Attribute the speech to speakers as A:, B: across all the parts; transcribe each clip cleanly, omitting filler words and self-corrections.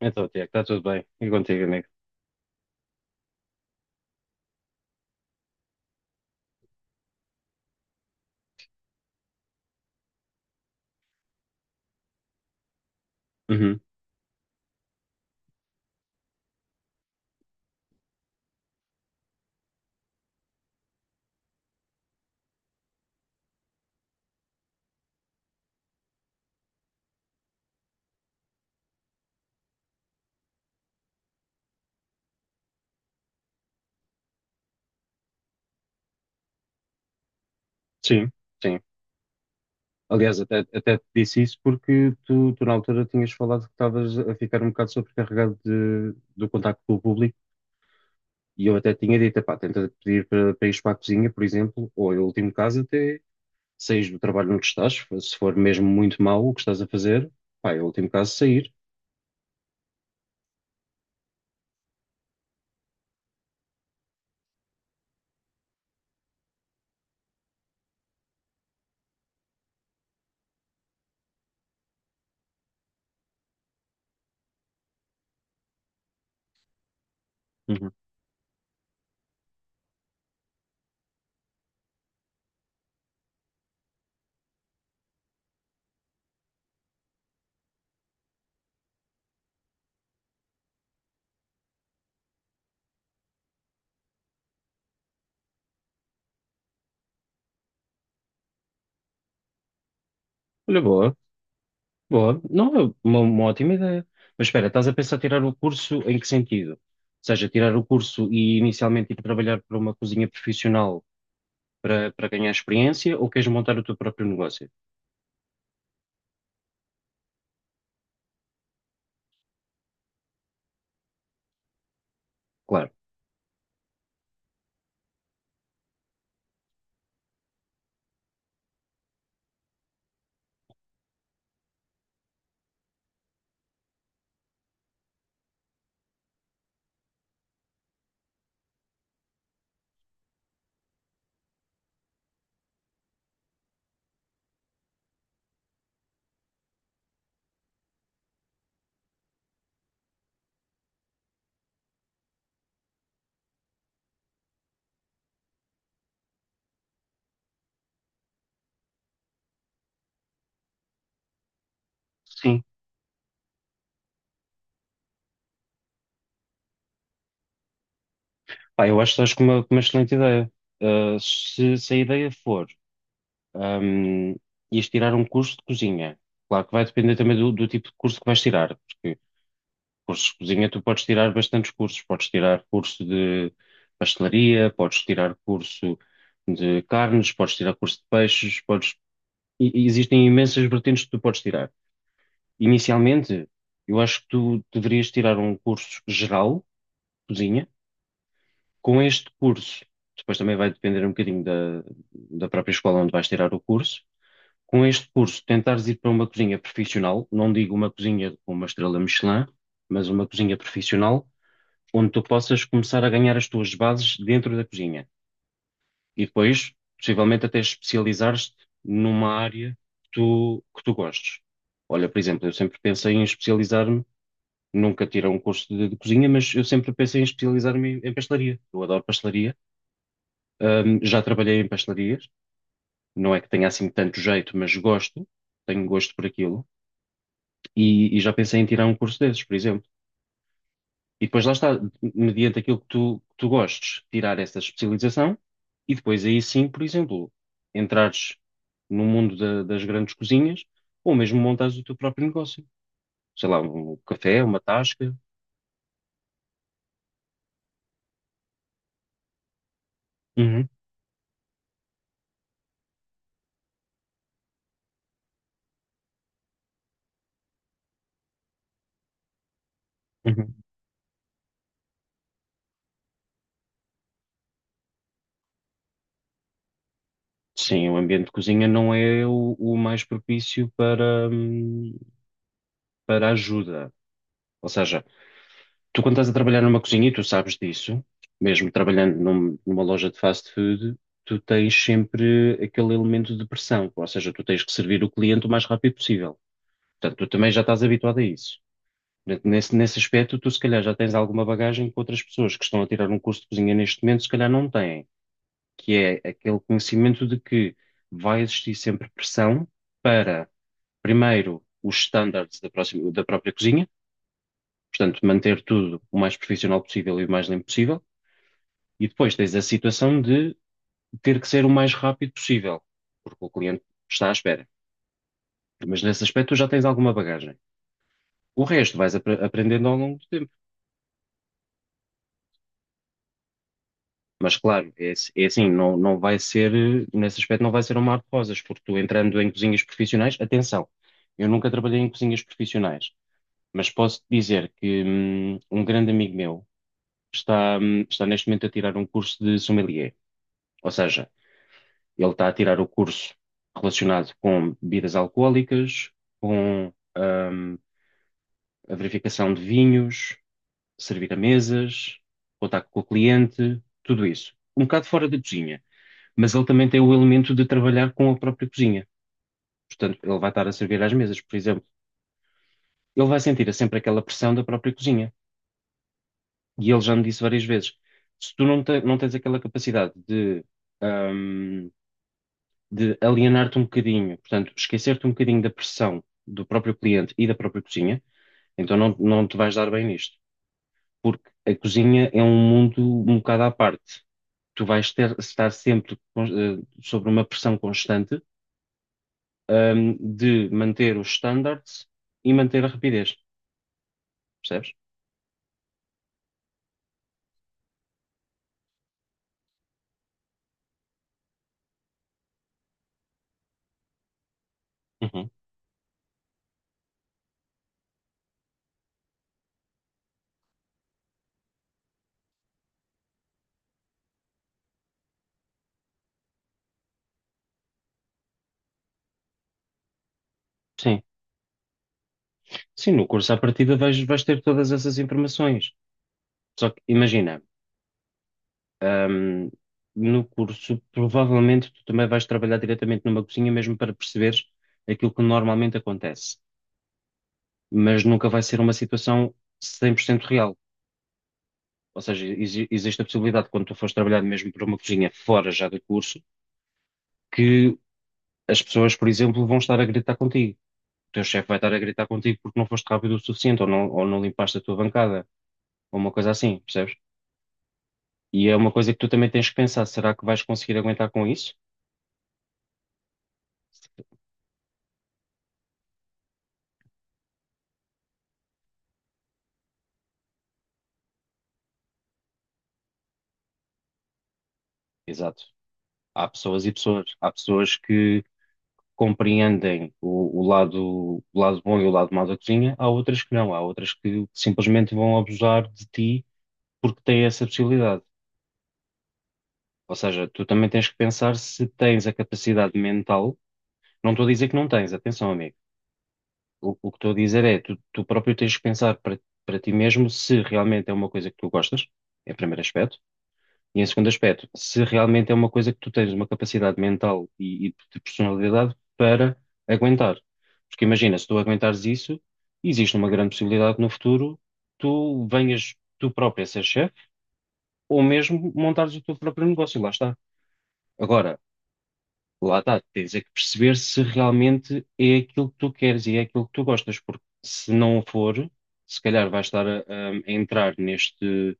A: Então, Tiago, está tudo bem. E contigo, amigo? Uhum. Sim, sim. Aliás, até te disse isso porque tu na altura tinhas falado que estavas a ficar um bocado sobrecarregado do contacto com o público e eu até tinha dito, pá, tenta pedir para ires para a cozinha, por exemplo, ou em último caso até saís do trabalho onde estás, se for mesmo muito mau o que estás a fazer, pá, em último caso sair. Uhum. Olha, boa. Boa, não é uma ótima ideia. Mas espera, estás a pensar tirar o curso em que sentido? Ou seja, tirar o curso e inicialmente ir trabalhar para uma cozinha profissional para ganhar experiência ou queres montar o teu próprio negócio? Claro. Sim. Pá, eu acho que estás com com uma excelente ideia. Ah, se a ideia for, ahm, ires tirar um curso de cozinha, claro que vai depender também do tipo de curso que vais tirar, porque cursos de cozinha, tu podes tirar bastantes cursos. Podes tirar curso de pastelaria, podes tirar curso de carnes, podes tirar curso de peixes, podes... e existem imensas vertentes que tu podes tirar. Inicialmente, eu acho que tu deverias tirar um curso geral, cozinha, com este curso. Depois também vai depender um bocadinho da própria escola onde vais tirar o curso. Com este curso, tentares ir para uma cozinha profissional, não digo uma cozinha com uma estrela Michelin, mas uma cozinha profissional onde tu possas começar a ganhar as tuas bases dentro da cozinha e depois, possivelmente, até especializares-te numa área que tu gostes. Olha, por exemplo, eu sempre pensei em especializar-me, nunca tirei um curso de cozinha, mas eu sempre pensei em especializar-me em pastelaria. Eu adoro pastelaria. Já trabalhei em pastelarias, não é que tenha assim tanto jeito, mas gosto, tenho gosto por aquilo e já pensei em tirar um curso desses, por exemplo. E depois lá está, mediante aquilo que tu gostes, tirar essa especialização e depois aí sim, por exemplo, entrares no mundo das grandes cozinhas ou mesmo montares o teu próprio negócio. Sei lá, um café, uma tasca. Uhum, uhum. Sim, o ambiente de cozinha não é o mais propício para, para ajuda. Ou seja, tu, quando estás a trabalhar numa cozinha, e tu sabes disso, mesmo trabalhando numa loja de fast food, tu tens sempre aquele elemento de pressão, ou seja, tu tens que servir o cliente o mais rápido possível. Portanto, tu também já estás habituado a isso. Portanto, nesse aspecto, tu se calhar já tens alguma bagagem que outras pessoas que estão a tirar um curso de cozinha neste momento, se calhar não têm, que é aquele conhecimento de que vai existir sempre pressão para, primeiro, os standards da própria cozinha, portanto, manter tudo o mais profissional possível e o mais limpo possível. E depois tens a situação de ter que ser o mais rápido possível, porque o cliente está à espera. Mas nesse aspecto tu já tens alguma bagagem. O resto vais aprendendo ao longo do tempo. Mas claro, é, é assim, não, não vai ser, nesse aspecto não vai ser um mar de rosas, porque tu entrando em cozinhas profissionais, atenção, eu nunca trabalhei em cozinhas profissionais, mas posso dizer que um grande amigo meu está, está neste momento a tirar um curso de sommelier. Ou seja, ele está a tirar o curso relacionado com bebidas alcoólicas, com a verificação de vinhos, servir a mesas, contacto com o cliente, tudo isso. Um bocado fora da cozinha, mas ele também tem o elemento de trabalhar com a própria cozinha. Portanto, ele vai estar a servir às mesas, por exemplo. Ele vai sentir sempre aquela pressão da própria cozinha. E ele já me disse várias vezes: se tu não, não tens aquela capacidade de. hum, de alienar-te um bocadinho, portanto, esquecer-te um bocadinho da pressão do próprio cliente e da própria cozinha, então não, não te vais dar bem nisto, porque a cozinha é um mundo um bocado à parte. Tu vais ter, estar sempre sobre uma pressão constante, de manter os standards e manter a rapidez, percebes? Uhum. Sim. Sim, no curso à partida vais, vais ter todas essas informações. Só que imagina. Ahm, no curso, provavelmente tu também vais trabalhar diretamente numa cozinha mesmo para perceberes aquilo que normalmente acontece, mas nunca vai ser uma situação 100% real. Ou seja, existe a possibilidade, quando tu fores trabalhar mesmo para uma cozinha fora já do curso, que as pessoas, por exemplo, vão estar a gritar contigo. O teu chefe vai estar a gritar contigo porque não foste rápido o suficiente ou não limpaste a tua bancada, ou uma coisa assim, percebes? E é uma coisa que tu também tens que pensar, será que vais conseguir aguentar com isso? Exato. Há pessoas e pessoas. Há pessoas que compreendem o lado bom e o lado mau da cozinha, há outras que não. Há outras que simplesmente vão abusar de ti porque têm essa possibilidade. Ou seja, tu também tens que pensar se tens a capacidade mental. Não estou a dizer que não tens, atenção, amigo. O que estou a dizer é, tu próprio tens que pensar para, para ti mesmo se realmente é uma coisa que tu gostas, em primeiro aspecto. E em segundo aspecto, se realmente é uma coisa que tu tens uma capacidade mental e de personalidade para aguentar. Porque imagina, se tu aguentares isso, existe uma grande possibilidade que no futuro tu venhas tu próprio a ser chefe ou mesmo montares o teu próprio negócio, lá está. Agora, lá está, tens é que perceber se realmente é aquilo que tu queres e é aquilo que tu gostas, porque se não for, se calhar vais estar a entrar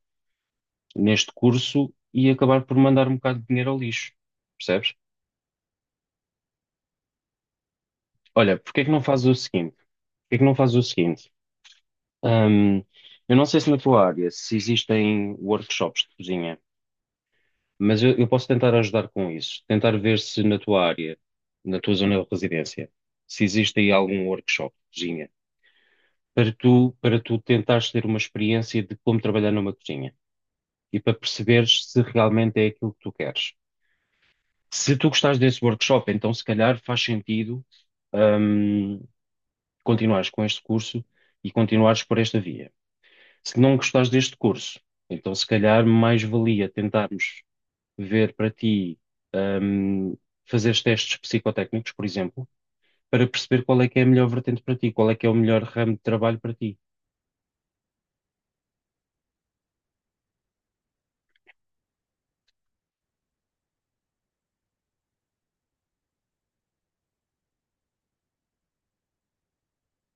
A: neste curso e acabar por mandar um bocado de dinheiro ao lixo, percebes? Olha, porque é que não fazes o seguinte? Porque é que não fazes o seguinte? Hum, eu não sei se na tua área se existem workshops de cozinha, mas eu posso tentar ajudar com isso, tentar ver se na tua área, na tua zona de residência, se existe aí algum workshop de cozinha, para tu tentares ter uma experiência de como trabalhar numa cozinha e para perceberes se realmente é aquilo que tu queres. Se tu gostares desse workshop, então se calhar faz sentido, hum, continuares com este curso e continuares por esta via. Se não gostares deste curso, então se calhar mais valia tentarmos ver para ti, hum, fazeres testes psicotécnicos, por exemplo, para perceber qual é que é a melhor vertente para ti, qual é que é o melhor ramo de trabalho para ti.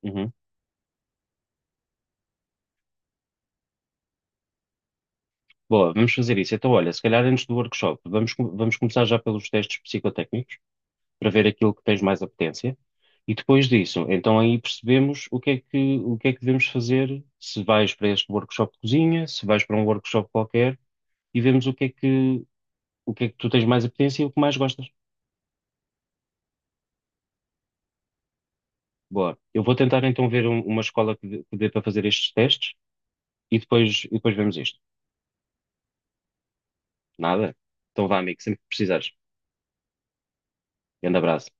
A: Uhum. Boa, vamos fazer isso. Então, olha, se calhar antes do workshop, vamos, vamos começar já pelos testes psicotécnicos, para ver aquilo que tens mais apetência. E depois disso, então aí percebemos o que é que, o que é que devemos fazer, se vais para este workshop de cozinha, se vais para um workshop qualquer, e vemos o que é que, o que é que tu tens mais apetência e o que mais gostas. Boa. Eu vou tentar então ver uma escola que dê para fazer estes testes e depois vemos isto. Nada? Então vá, amigo, sempre que precisares. Grande abraço.